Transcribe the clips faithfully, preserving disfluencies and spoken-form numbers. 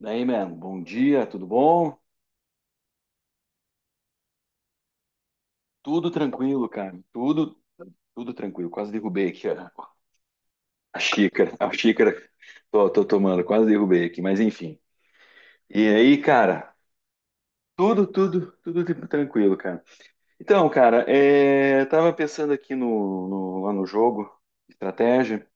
Daí, mano, bom dia, tudo bom? Tudo tranquilo, cara. Tudo, tudo tranquilo. Quase derrubei aqui a, a xícara. A xícara tô, tô tomando, quase derrubei aqui, mas enfim. E aí, cara, tudo, tudo, tudo tipo tranquilo, cara. Então, cara, é, tava pensando aqui no, no- lá no jogo, estratégia,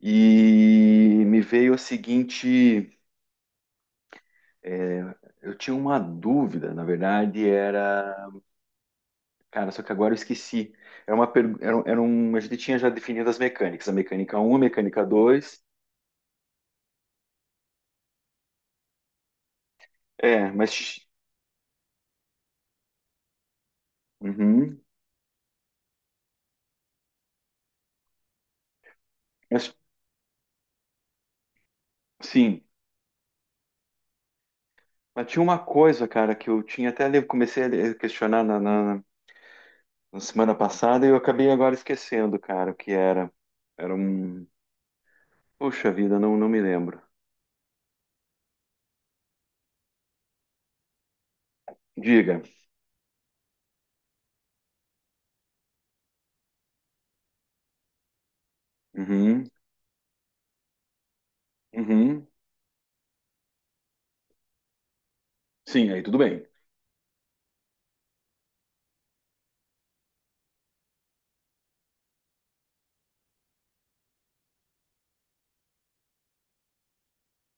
e me veio a seguinte. é, eu tinha uma dúvida, na verdade, era... Cara, só que agora eu esqueci. Era uma per... era, um- era um... A gente tinha já definido as mecânicas. A mecânica um, a mecânica dois... É, mas... Uhum. Mas, sim. Mas tinha uma coisa, cara, que eu tinha até... le- comecei a le- questionar na, na- na semana passada e eu acabei agora esquecendo, cara, o que era. Era um... Poxa vida, não, não me lembro. Diga. Uhum. Uhum. Sim, aí tudo bem.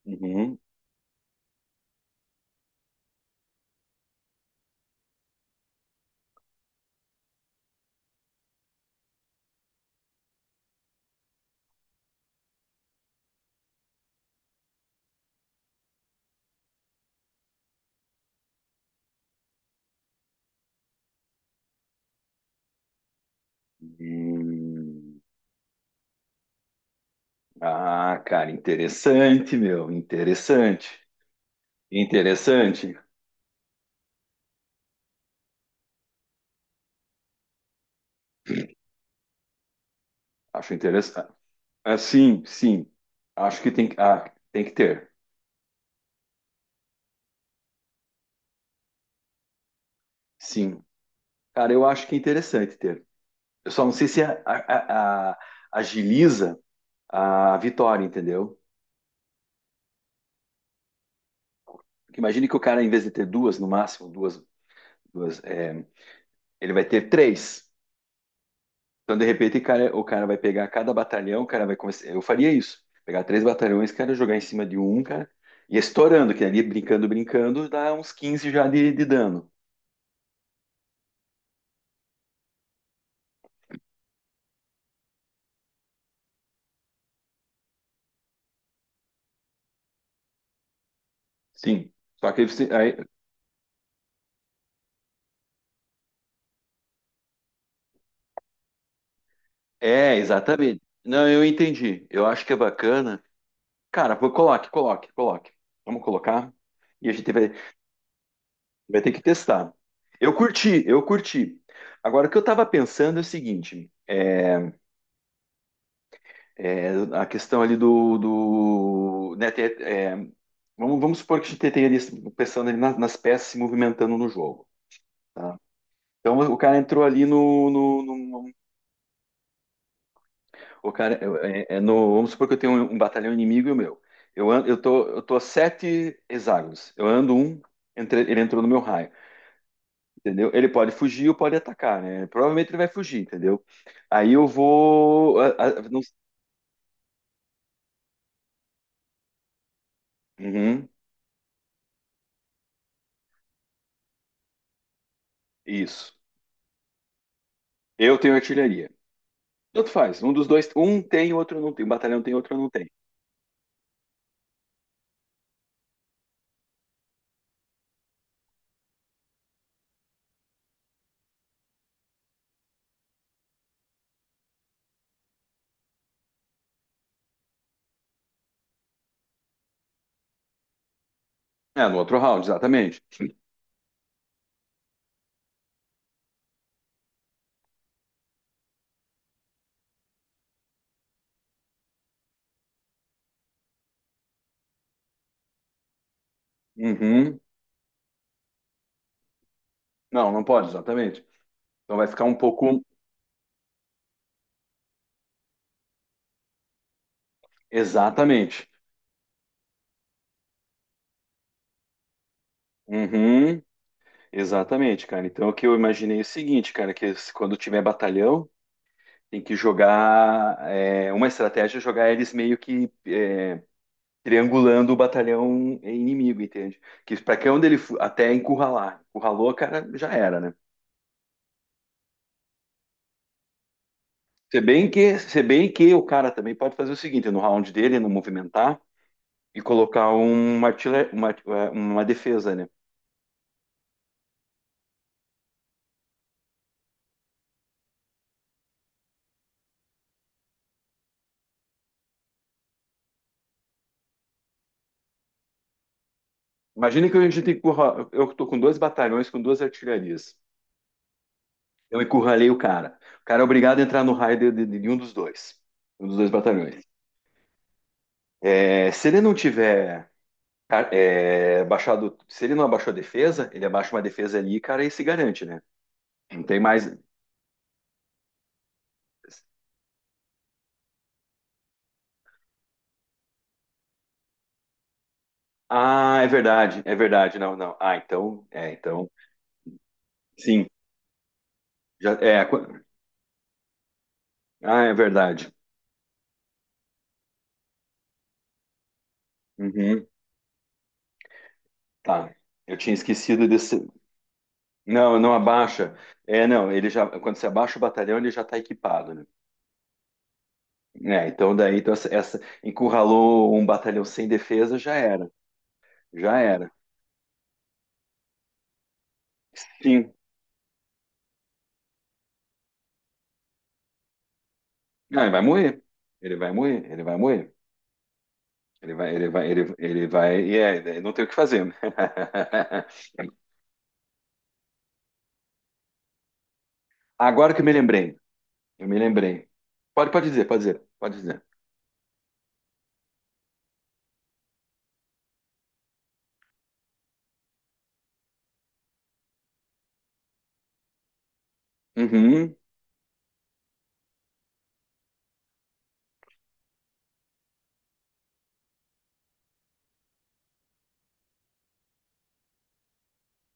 Uhum. Hum. Ah, cara, interessante, meu. Interessante. Interessante. Acho interessante. Ah, sim, sim. Acho que tem que. Ah, tem que ter. Sim. Cara, eu acho que é interessante ter. Eu só não sei se a- a- a- agiliza a vitória, entendeu? Porque imagine que o cara, em vez de ter duas, no máximo, duas, duas, é, ele vai ter três. Então, de repente, o cara, o cara vai pegar cada batalhão, o cara vai começar. Eu faria isso. Pegar três batalhões, cara, jogar em cima de um, cara, e estourando, que ali brincando, brincando, dá uns quinze já de, de dano. Sim. Só que você- aí- é, exatamente. Não, eu entendi. Eu acho que é bacana. Cara, vou- coloque, coloque, coloque. Vamos colocar? E a gente vai, vai ter que testar. Eu curti, eu curti. Agora, o que eu tava pensando é o seguinte: é, é a questão ali do, do né, ter- é, vamos, vamos supor que a gente tenha ali pensando ali na- nas, peças se movimentando no jogo, tá? Então o cara entrou ali no, pô, cara, eu- é, é no, vamos supor que eu tenho um, um batalhão inimigo e o meu. Eu, ando, eu tô, eu tô a sete hexágonos. Eu ando um, entre- ele entrou no meu raio, entendeu? Ele pode fugir ou pode atacar, né? Provavelmente ele vai fugir, entendeu? Aí eu vou. A- a- não- Uhum, isso. Eu tenho artilharia. Tanto faz. Um dos dois, um tem, o outro não tem. Um batalhão tem, outro não tem. É, no outro round, exatamente. Uhum. Não, não pode, exatamente. Então vai ficar um pouco. Exatamente. Uhum. Exatamente, cara. Então, o que eu imaginei é o seguinte, cara, que s- quando tiver batalhão, tem que jogar. É, uma estratégia é jogar eles meio que é, triangulando o batalhão inimigo, entende? Que para que onde ele fu- até encurralar. Encurralou, cara, já era, né? Se bem que, se bem que o cara também pode fazer o seguinte, no round dele, no movimentar, e colocar um artilha- uma, uma defesa, né? Imagina que a gente tem que encurra- eu tô com dois batalhões com duas artilharias. Eu encurralei o cara. O cara é obrigado a entrar no raio de, de- de um dos dois. Um dos dois batalhões. É, se ele não tiver ca- é, baixado. Se ele não abaixou a defesa, ele abaixa uma defesa ali, cara, e se garante, né? Não tem mais. Ah, é verdade, é verdade. Não, não. Ah, então. É, então. Sim. Já, é, qu- ah, é verdade. Uhum, tá. Eu tinha esquecido desse. Não, não abaixa. É, não, ele já. Quando você abaixa o batalhão, ele já está equipado, né? É, então daí então essa, essa- encurralou um batalhão sem defesa, já era, já era. Sim. Não, ele vai morrer. Ele vai morrer, ele vai morrer. Ele vai, ele vai, ele, ele vai, e é, é, não tem o que fazer, né? Agora que eu me lembrei, eu me lembrei. Pode, pode dizer, pode dizer, pode dizer. Uhum.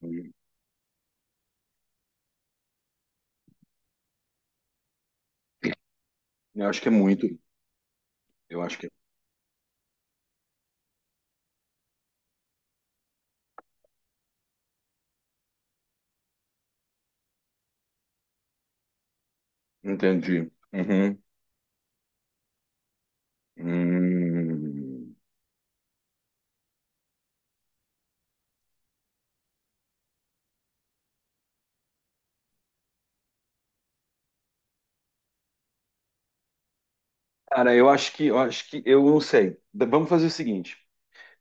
Uhum. Eu acho que é muito. Eu acho que entendi. Uhum. Hum. Cara, eu acho que, eu acho que, eu não sei. Da- Vamos fazer o seguinte.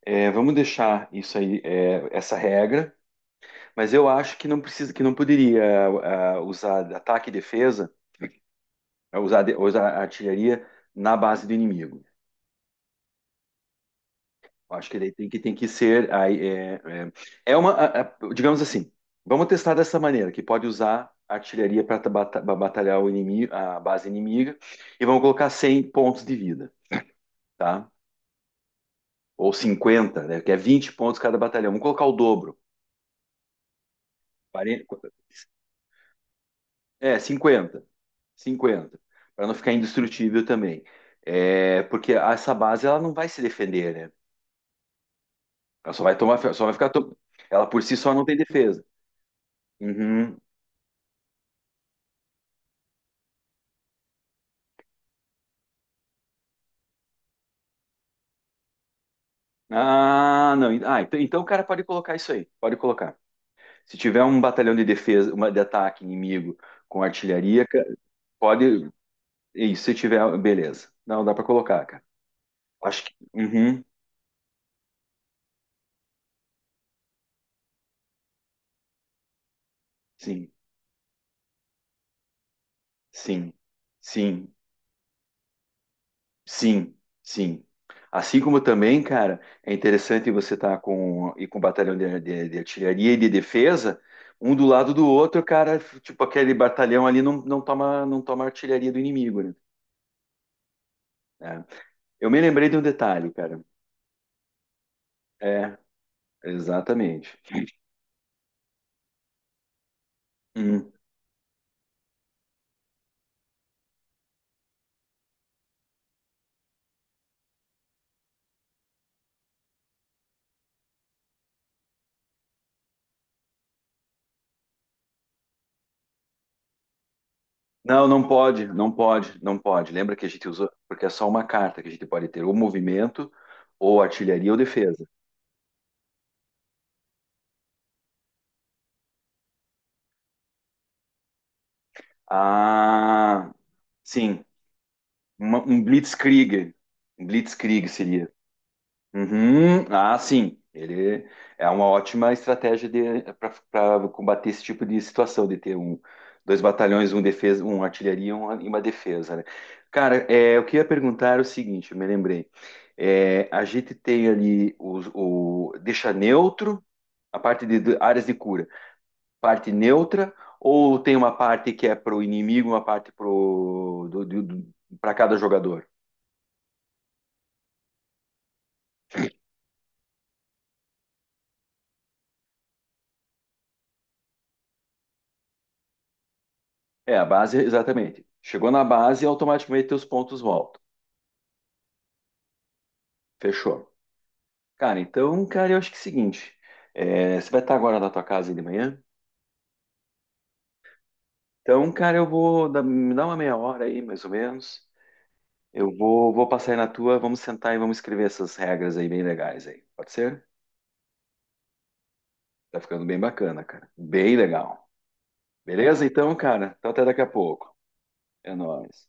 É, vamos deixar isso aí, é, essa regra, mas eu acho que não precisa, que não poderia ah, usar ataque e defesa, ah, usar, de- usar artilharia na base do inimigo. Eu acho que daí tem que, tem que ser. Aí, é, é, é uma, a- a- Digamos assim, vamos testar dessa maneira, que pode usar artilharia para batalhar o inimigo, a base inimiga, e vamos colocar cem pontos de vida, tá? Ou cinquenta né? Que é vinte pontos cada batalhão. Vamos colocar o dobro. quarenta, é, cinquenta cinquenta para não ficar indestrutível também. É, porque essa base ela não vai se defender, né? Ela só vai tomar, só vai ficar. To- Ela por si só não tem defesa. Uhum. Ah, não. Ah, então, então o cara pode colocar isso aí. Pode colocar. Se tiver um batalhão de defesa, uma de ataque inimigo com artilharia, ca- pode. Isso, se tiver, beleza. Não, dá para colocar, cara. Acho que. Uhum. Sim, sim, sim. Sim, sim. Assim como também, cara, é interessante você estar com e com um batalhão de, de- de artilharia e de defesa, um do lado do outro, cara, tipo aquele batalhão ali não, não toma não toma artilharia do inimigo, né? É. Eu me lembrei de um detalhe, cara. É, exatamente. Hum. Não, não pode, não pode, não pode. Lembra que a gente usou, porque é só uma carta que a gente pode ter, ou movimento, ou artilharia ou defesa. Ah, sim, uma- um Blitzkrieg. Um Blitzkrieg seria. Uhum. Ah, sim. Ele é uma ótima estratégia para combater esse tipo de situação, de ter um, dois batalhões, um defesa, um artilharia e uma, e uma defesa, né? Cara, é, o que eu ia perguntar era o seguinte, eu me lembrei. É, a gente tem ali os- o, deixa neutro a parte de, de áreas de cura, parte neutra, ou tem uma parte que é pro inimigo, uma parte pro do, para cada jogador? É, a base, exatamente. Chegou na base e automaticamente teus pontos voltam. Fechou. Cara, então, cara, eu acho que é o seguinte. É, você vai estar agora na tua casa aí de manhã? Então, cara, eu vou dar, me dar uma meia hora aí, mais ou menos. Eu vou, vou passar aí na tua, vamos sentar e vamos escrever essas regras aí bem legais aí. Pode ser? Tá ficando bem bacana, cara. Bem legal. Beleza? Então, cara, então até daqui a pouco. É nóis.